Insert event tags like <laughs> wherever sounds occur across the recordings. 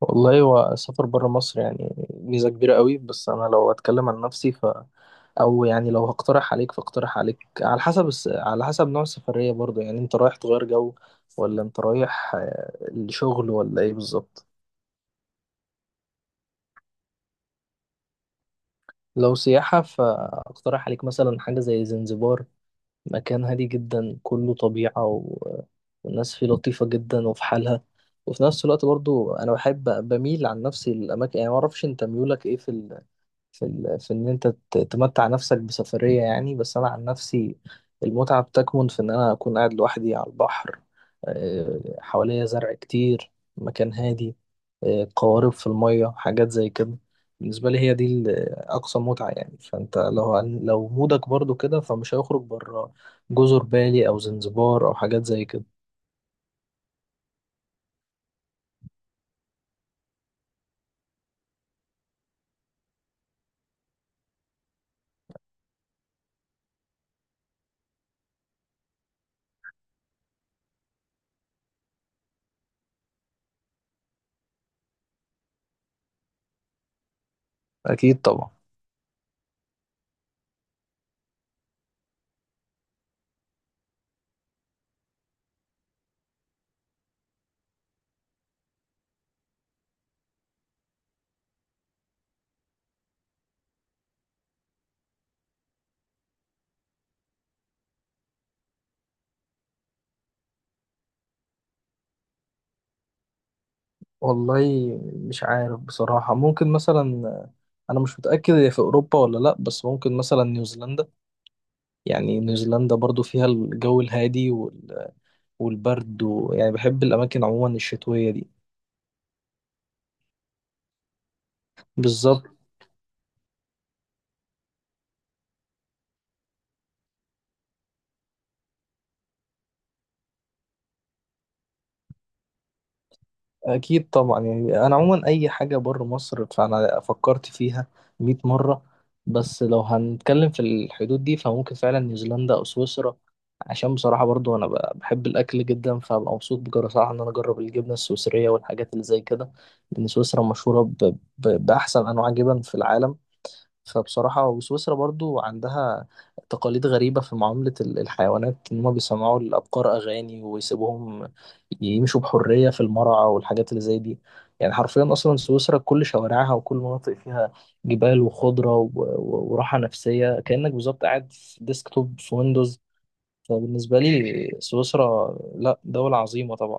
والله، هو السفر بره مصر يعني ميزة كبيرة قوي. بس أنا لو أتكلم عن نفسي، أو يعني لو هقترح عليك فاقترح عليك على حسب على حسب نوع السفرية، برضو يعني أنت رايح تغير جو ولا أنت رايح الشغل ولا إيه بالظبط؟ لو سياحة فأقترح عليك مثلا حاجة زي زنزبار، مكان هادي جدا كله طبيعة والناس فيه لطيفة جدا وفي حالها. وفي نفس الوقت برضو أنا بحب، بميل عن نفسي للأماكن، يعني معرفش أنت ميولك إيه في ان انت تمتع نفسك بسفرية، يعني بس انا عن نفسي المتعة بتكمن في ان انا اكون قاعد لوحدي على البحر، حواليا زرع كتير، مكان هادي، قوارب في المية، حاجات زي كده. بالنسبة لي هي دي اقصى متعة، يعني فانت لو مودك برضو كده فمش هيخرج بره جزر بالي او زنزبار او حاجات زي كده. اكيد طبعا. والله، مش عارف بصراحة، ممكن مثلا، أنا مش متأكد هي في أوروبا ولا لأ، بس ممكن مثلا نيوزيلندا، يعني نيوزيلندا برضو فيها الجو الهادي والبرد، ويعني بحب الأماكن عموما الشتوية دي. بالظبط. أكيد طبعا، يعني أنا عموما أي حاجة بره مصر فأنا فكرت فيها 100 مرة. بس لو هنتكلم في الحدود دي فممكن فعلا نيوزيلندا أو سويسرا، عشان بصراحة برضو أنا بحب الأكل جدا، فببقى مبسوط بصراحة إن أنا أجرب الجبنة السويسرية والحاجات اللي زي كده، لأن سويسرا مشهورة بأحسن أنواع جبن في العالم. فبصراحة وسويسرا برضو عندها تقاليد غريبة في معاملة الحيوانات، إن هما بيسمعوا الأبقار أغاني ويسيبوهم يمشوا بحرية في المرعى والحاجات اللي زي دي. يعني حرفيا أصلا سويسرا كل شوارعها وكل مناطق فيها جبال وخضرة وراحة نفسية، كأنك بالظبط قاعد في ديسكتوب في ويندوز. فبالنسبة لي سويسرا، لأ، دولة عظيمة طبعا.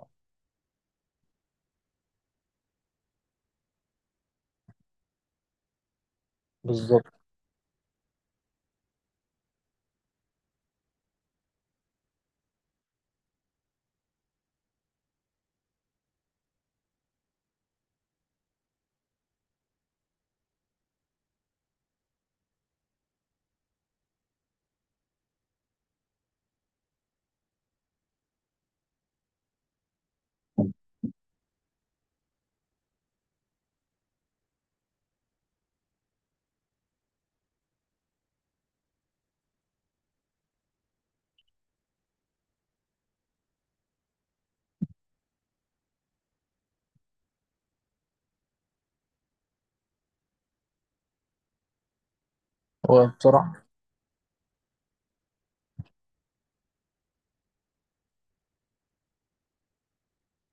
بالظبط. وبصراحة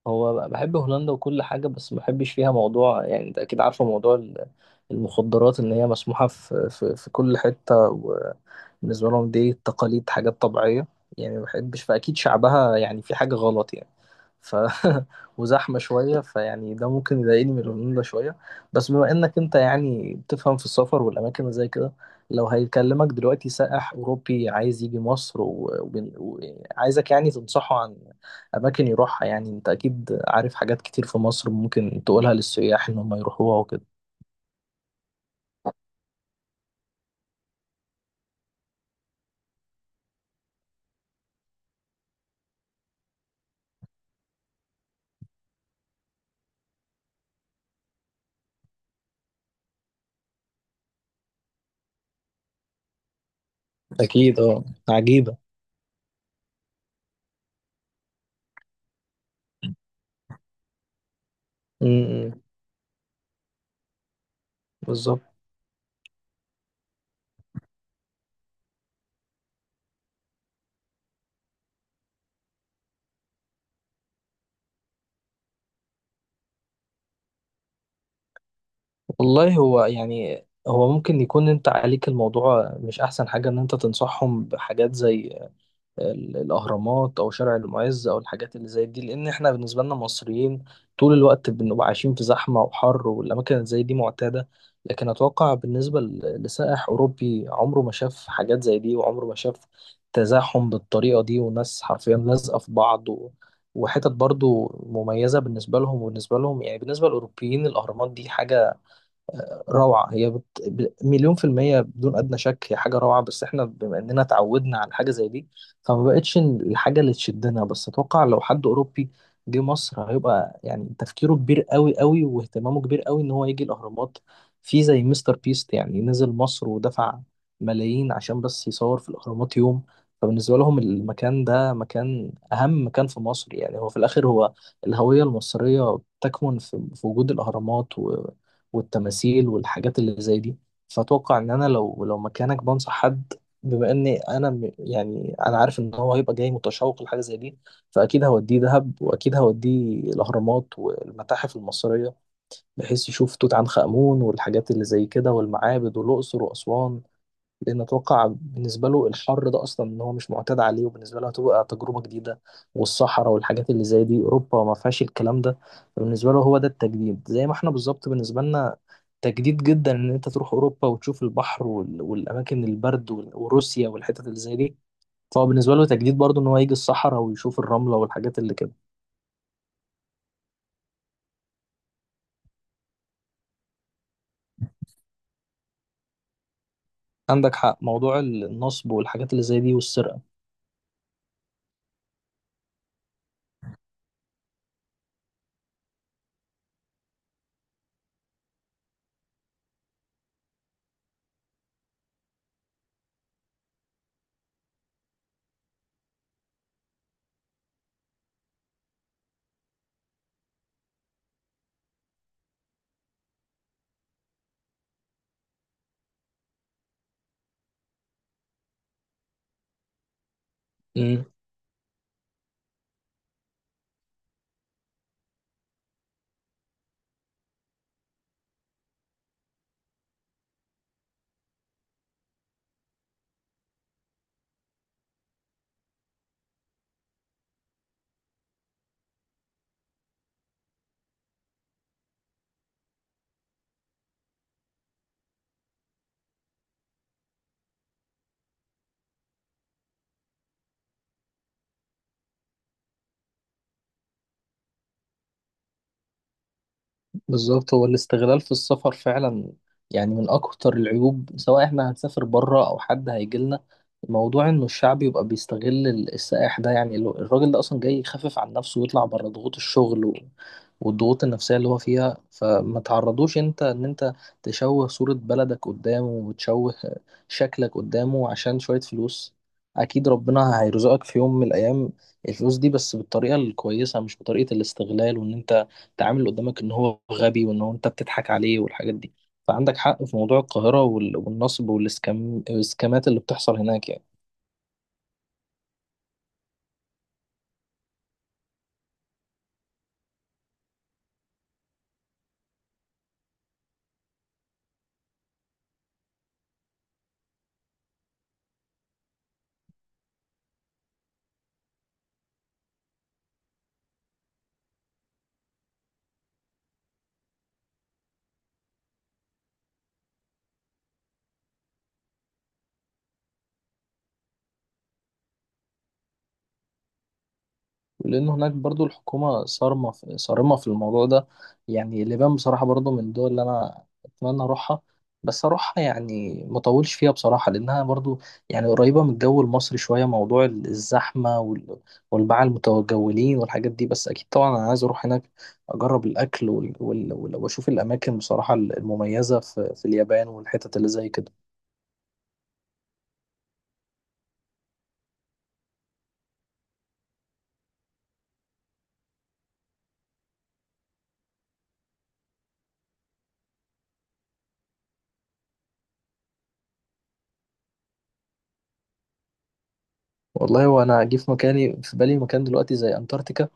هو بحب هولندا وكل حاجة، بس ما بحبش فيها موضوع، يعني انت اكيد عارفة موضوع المخدرات، ان هي مسموحة في كل حتة، وبالنسبة لهم دي تقاليد، حاجات طبيعية، يعني ما بحبش، فاكيد شعبها يعني في حاجة غلط يعني. ف <laughs> وزحمة شوية، فيعني ده ممكن يضايقني من الهدوء ده شوية. بس بما إنك أنت يعني بتفهم في السفر والأماكن اللي زي كده، لو هيكلمك دلوقتي سائح أوروبي عايز يجي مصر وعايزك يعني تنصحه عن أماكن يروحها، يعني أنت أكيد عارف حاجات كتير في مصر ممكن تقولها للسياح إن هم يروحوها وكده. أكيد أه. عجيبة. امم. بالظبط. والله، هو يعني هو ممكن يكون انت عليك، الموضوع مش احسن حاجة ان انت تنصحهم بحاجات زي الأهرامات أو شارع المعز أو الحاجات اللي زي دي، لأن إحنا بالنسبة لنا مصريين طول الوقت بنبقى عايشين في زحمة وحر، والأماكن اللي زي دي معتادة. لكن أتوقع بالنسبة لسائح أوروبي عمره ما شاف حاجات زي دي، وعمره ما شاف تزاحم بالطريقة دي، وناس حرفيا لازقة في بعض، وحتت برضو مميزة بالنسبة لهم، وبالنسبة لهم يعني بالنسبة للأوروبيين، الأهرامات دي حاجة روعة، هي مليون% بدون أدنى شك، هي حاجة روعة. بس احنا بما إننا اتعودنا على حاجة زي دي فما بقتش الحاجة اللي تشدنا، بس أتوقع لو حد أوروبي جه مصر هيبقى يعني تفكيره كبير قوي قوي، واهتمامه كبير قوي إن هو يجي الأهرامات. في زي مستر بيست يعني نزل مصر ودفع ملايين عشان بس يصور في الأهرامات يوم، فبالنسبة لهم المكان ده مكان، أهم مكان في مصر، يعني هو في الآخر، هو الهوية المصرية تكمن في في وجود الأهرامات والتماثيل والحاجات اللي زي دي. فأتوقع إن أنا لو مكانك بنصح حد، بما إني أنا يعني أنا عارف إن هو هيبقى جاي متشوق لحاجة زي دي، فأكيد هوديه دهب، وأكيد هوديه الأهرامات والمتاحف المصرية، بحيث يشوف توت عنخ آمون والحاجات اللي زي كده والمعابد والأقصر وأسوان، لان اتوقع بالنسبه له الحر ده اصلا ان هو مش معتاد عليه، وبالنسبه له هتبقى تجربه جديده، والصحراء والحاجات اللي زي دي اوروبا ما فيهاش الكلام ده، فبالنسبه له هو ده التجديد، زي ما احنا بالظبط بالنسبه لنا تجديد جدا ان انت تروح اوروبا وتشوف البحر والاماكن، البرد وروسيا والحتت اللي زي دي، فهو بالنسبه له تجديد برضه ان هو يجي الصحراء ويشوف الرمله والحاجات اللي كده. عندك حق، موضوع النصب والحاجات اللي زي دي والسرقه. بالظبط، هو الاستغلال في السفر فعلا يعني من أكتر العيوب، سواء احنا هنسافر بره أو حد هيجيلنا، موضوع إنه الشعب يبقى بيستغل السائح ده، يعني الراجل ده أصلا جاي يخفف عن نفسه ويطلع بره ضغوط الشغل والضغوط النفسية اللي هو فيها، فما تعرضوش أنت إن أنت تشوه صورة بلدك قدامه، وتشوه شكلك قدامه عشان شوية فلوس. أكيد ربنا هيرزقك في يوم من الأيام الفلوس دي، بس بالطريقة الكويسة، مش بطريقة الاستغلال، وإن أنت تعامل اللي قدامك ان هو غبي، وان هو انت بتضحك عليه والحاجات دي. فعندك حق في موضوع القاهرة والنصب السكامات اللي بتحصل هناك يعني. لأن هناك برضو الحكومة صارمة في الموضوع ده، يعني اليابان بصراحة برضو من الدول اللي أنا أتمنى أروحها، بس أروحها يعني مطولش فيها بصراحة، لأنها برضو يعني قريبة من الجو المصري شوية، موضوع الزحمة والباعة المتجولين والحاجات دي، بس أكيد طبعا أنا عايز أروح هناك أجرب الأكل وأشوف الأماكن بصراحة المميزة في اليابان والحتت اللي زي كده. والله، وأنا أجي في مكاني في بالي مكان دلوقتي زي أنتاركتيكا،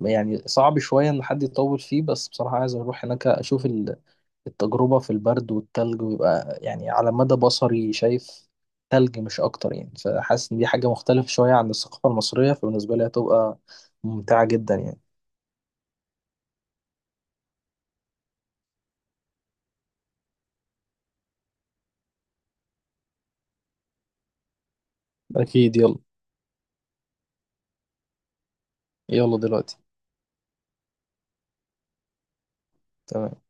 يعني صعب شوية إن حد يطول فيه، بس بصراحة عايز أروح هناك أشوف التجربة في البرد والتلج، ويبقى يعني على مدى بصري شايف تلج مش أكتر، يعني فحاسس إن دي حاجة مختلفة شوية عن الثقافة المصرية، فبالنسبة لي هتبقى ممتعة جدا يعني. أكيد يلا. يلا دلوقتي. تمام.